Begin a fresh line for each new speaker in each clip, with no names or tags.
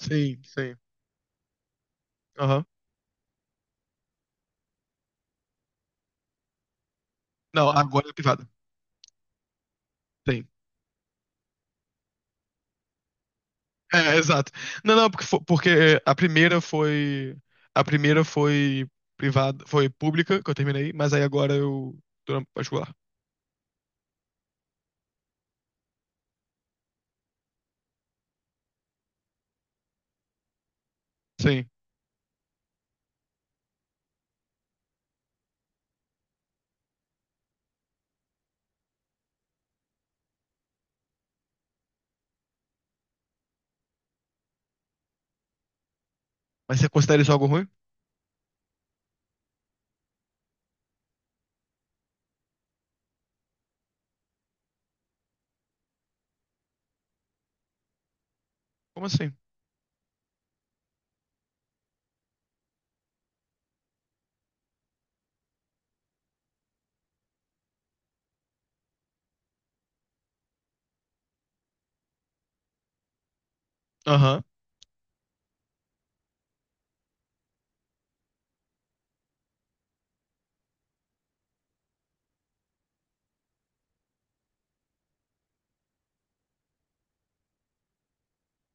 Sim, sim. Aham. Não, agora é privada. Tem. É, exato. Não, não, porque, porque a primeira foi. A primeira foi privada, foi pública, que eu terminei, mas aí agora eu tô na particular. Sim. Mas você considera isso algo ruim? Como assim? Aham.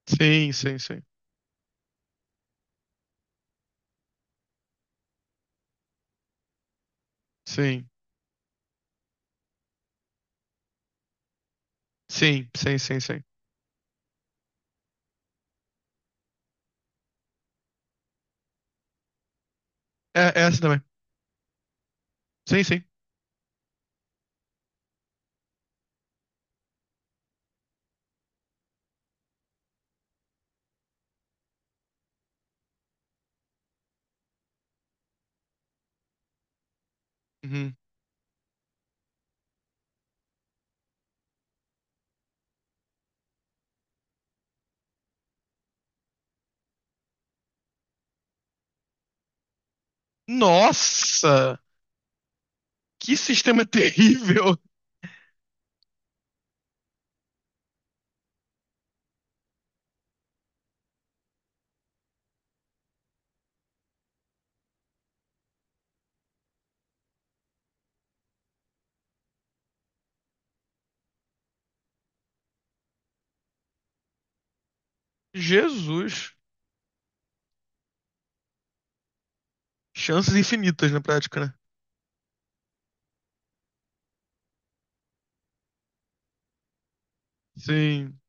Sim, sim, sim. Sim. Sim, sim, sim, sim. É, é essa também. Sim, sim. Uhum. Nossa! Que sistema terrível! Jesus! Chances infinitas na prática, né? Sim.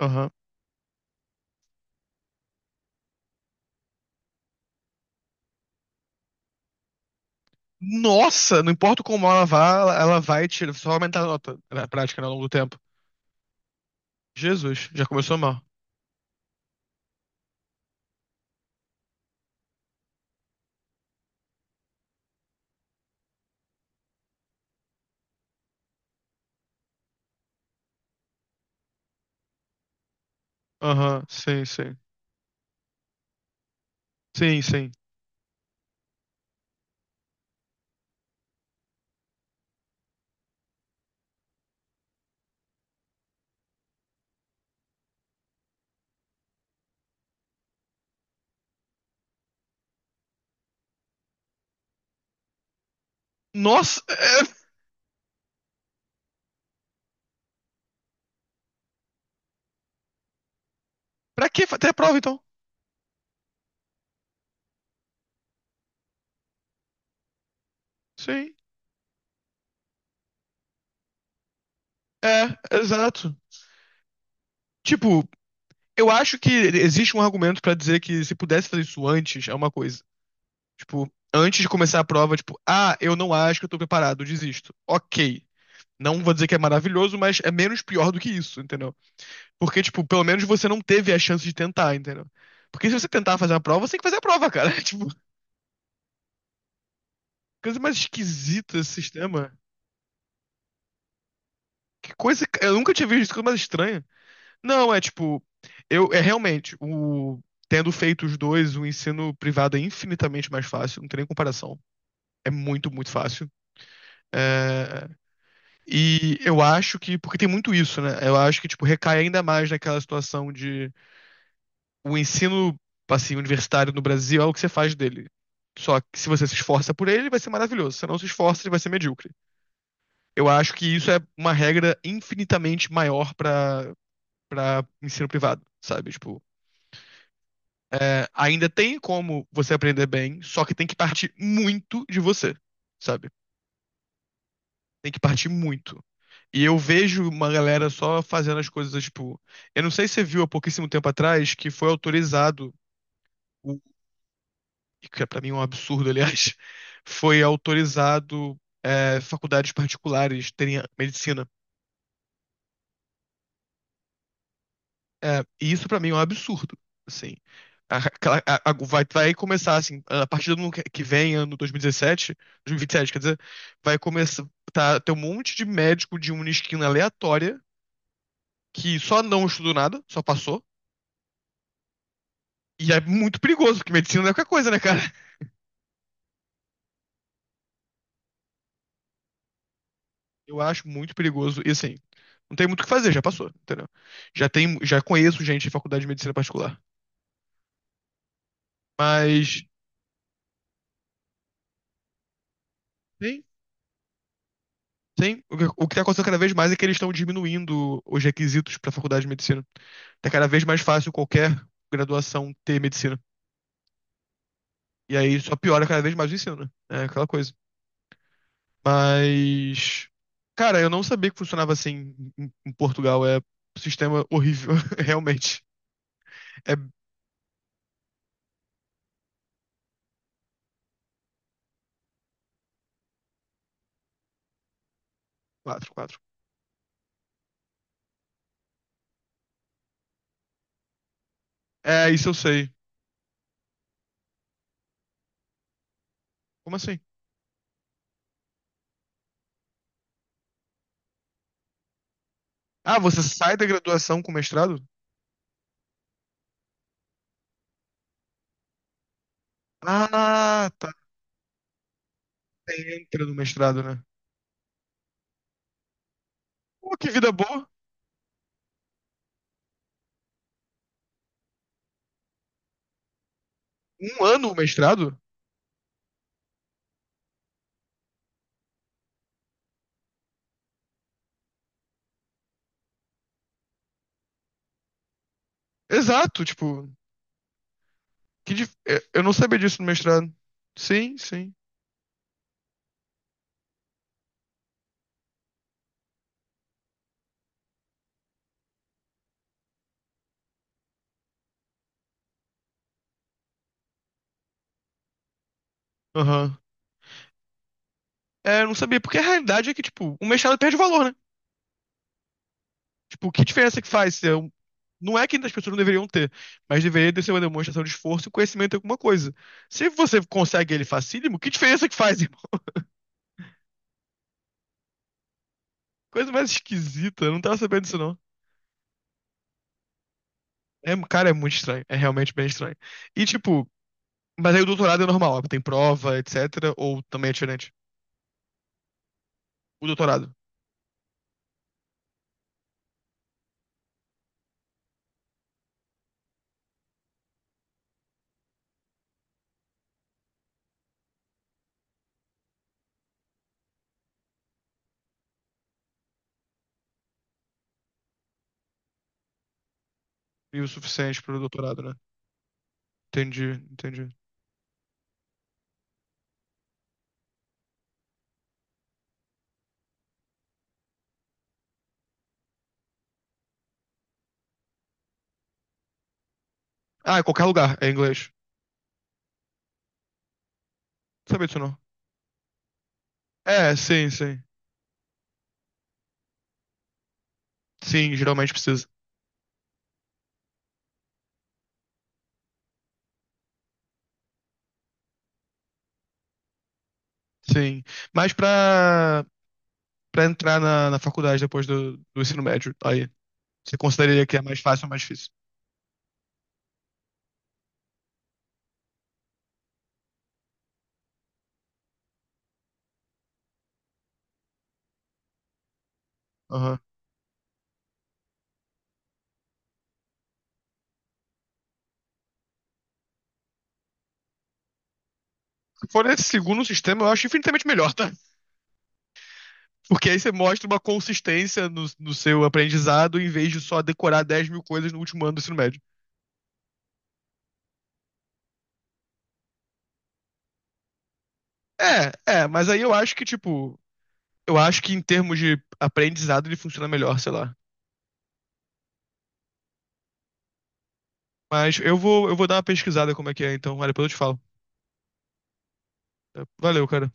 Aham. Nossa, não importa como ela vá, ela vai tirar, só aumentar a nota na prática, né, ao longo do tempo. Jesus, já começou mal. Aham, sim, sim. Sim, sim. Nossa, é, pra que até a prova então? Sim, é, exato. Tipo, eu acho que existe um argumento pra dizer que se pudesse fazer isso antes, é uma coisa. Tipo, antes de começar a prova, tipo, ah, eu não acho que eu tô preparado, desisto. Ok. Não vou dizer que é maravilhoso, mas é menos pior do que isso, entendeu? Porque, tipo, pelo menos você não teve a chance de tentar, entendeu? Porque se você tentar fazer a prova, você tem que fazer a prova, cara. Tipo, coisa mais esquisita esse sistema. Que coisa. Eu nunca tinha visto isso, coisa mais estranha. Não, é tipo. Eu, é realmente. O, tendo feito os dois, o ensino privado é infinitamente mais fácil, não tem nem comparação. É muito, muito fácil. É, e eu acho que. Porque tem muito isso, né? Eu acho que, tipo, recai ainda mais naquela situação de. O ensino assim, universitário no Brasil é o que você faz dele. Só que se você se esforça por ele, vai ser maravilhoso. Se não se esforça, ele vai ser medíocre. Eu acho que isso é uma regra infinitamente maior para ensino privado, sabe? Tipo, é, ainda tem como você aprender bem, só que tem que partir muito de você, sabe? Tem que partir muito. E eu vejo uma galera só fazendo as coisas, tipo, eu não sei se você viu há pouquíssimo tempo atrás que foi autorizado o e que é para mim um absurdo, aliás, foi autorizado, é, faculdades particulares terem medicina. É, e isso para mim é um absurdo, assim. Vai começar assim, a partir do ano que vem, ano dois mil e dezessete, 2027, quer dizer, vai começar, tá, ter um monte de médico de uma esquina aleatória que só não estudou nada, só passou. E é muito perigoso, porque medicina não é qualquer coisa, né, cara? Eu acho muito perigoso. E assim, não tem muito o que fazer, já passou, entendeu? Já tem, já conheço gente de faculdade de medicina particular. Mas sim, sim. O que tá acontecendo cada vez mais é que eles estão diminuindo os requisitos para faculdade de medicina. Tá cada vez mais fácil qualquer graduação ter medicina. E aí só piora cada vez mais o ensino, né? É aquela coisa. Mas, cara, eu não sabia que funcionava assim em Portugal. É um sistema horrível, realmente. É quatro, quatro. É, isso eu sei. Como assim? Ah, você sai da graduação com mestrado? Ah, tá. Você entra no mestrado, né? Pô, que vida boa. Um ano o mestrado? Exato, tipo. É, eu não sabia disso no mestrado. Sim, sim. Aham. É, eu não sabia, porque a realidade é que, tipo, o mestrado perde valor, né? Tipo, que diferença que faz? Se é um- Não é que as pessoas não deveriam ter, mas deveria ter sido uma demonstração de esforço e conhecimento em alguma coisa. Se você consegue ele facílimo, que diferença que faz, irmão? Coisa mais esquisita, eu não tava sabendo disso, não. É, cara, é muito estranho. É realmente bem estranho. E, tipo, mas aí o doutorado é normal, tem prova, etc. Ou também é diferente? O doutorado. E o suficiente pro doutorado, né? Entendi, entendi. Ah, em qualquer lugar, é inglês. Sabia disso não? É, sim, sim. Sim, geralmente precisa. Sim. Mas pra entrar na faculdade depois do ensino médio, aí, você consideraria que é mais fácil ou mais difícil? Aham. Se for nesse segundo sistema, eu acho infinitamente melhor, tá? Porque aí você mostra uma consistência no seu aprendizado em vez de só decorar 10 mil coisas no último ano do ensino médio. É, é, mas aí eu acho que, tipo, eu acho que em termos de aprendizado ele funciona melhor, sei lá. Mas eu vou dar uma pesquisada como é que é, então, olha, depois eu te falo. Valeu, cara.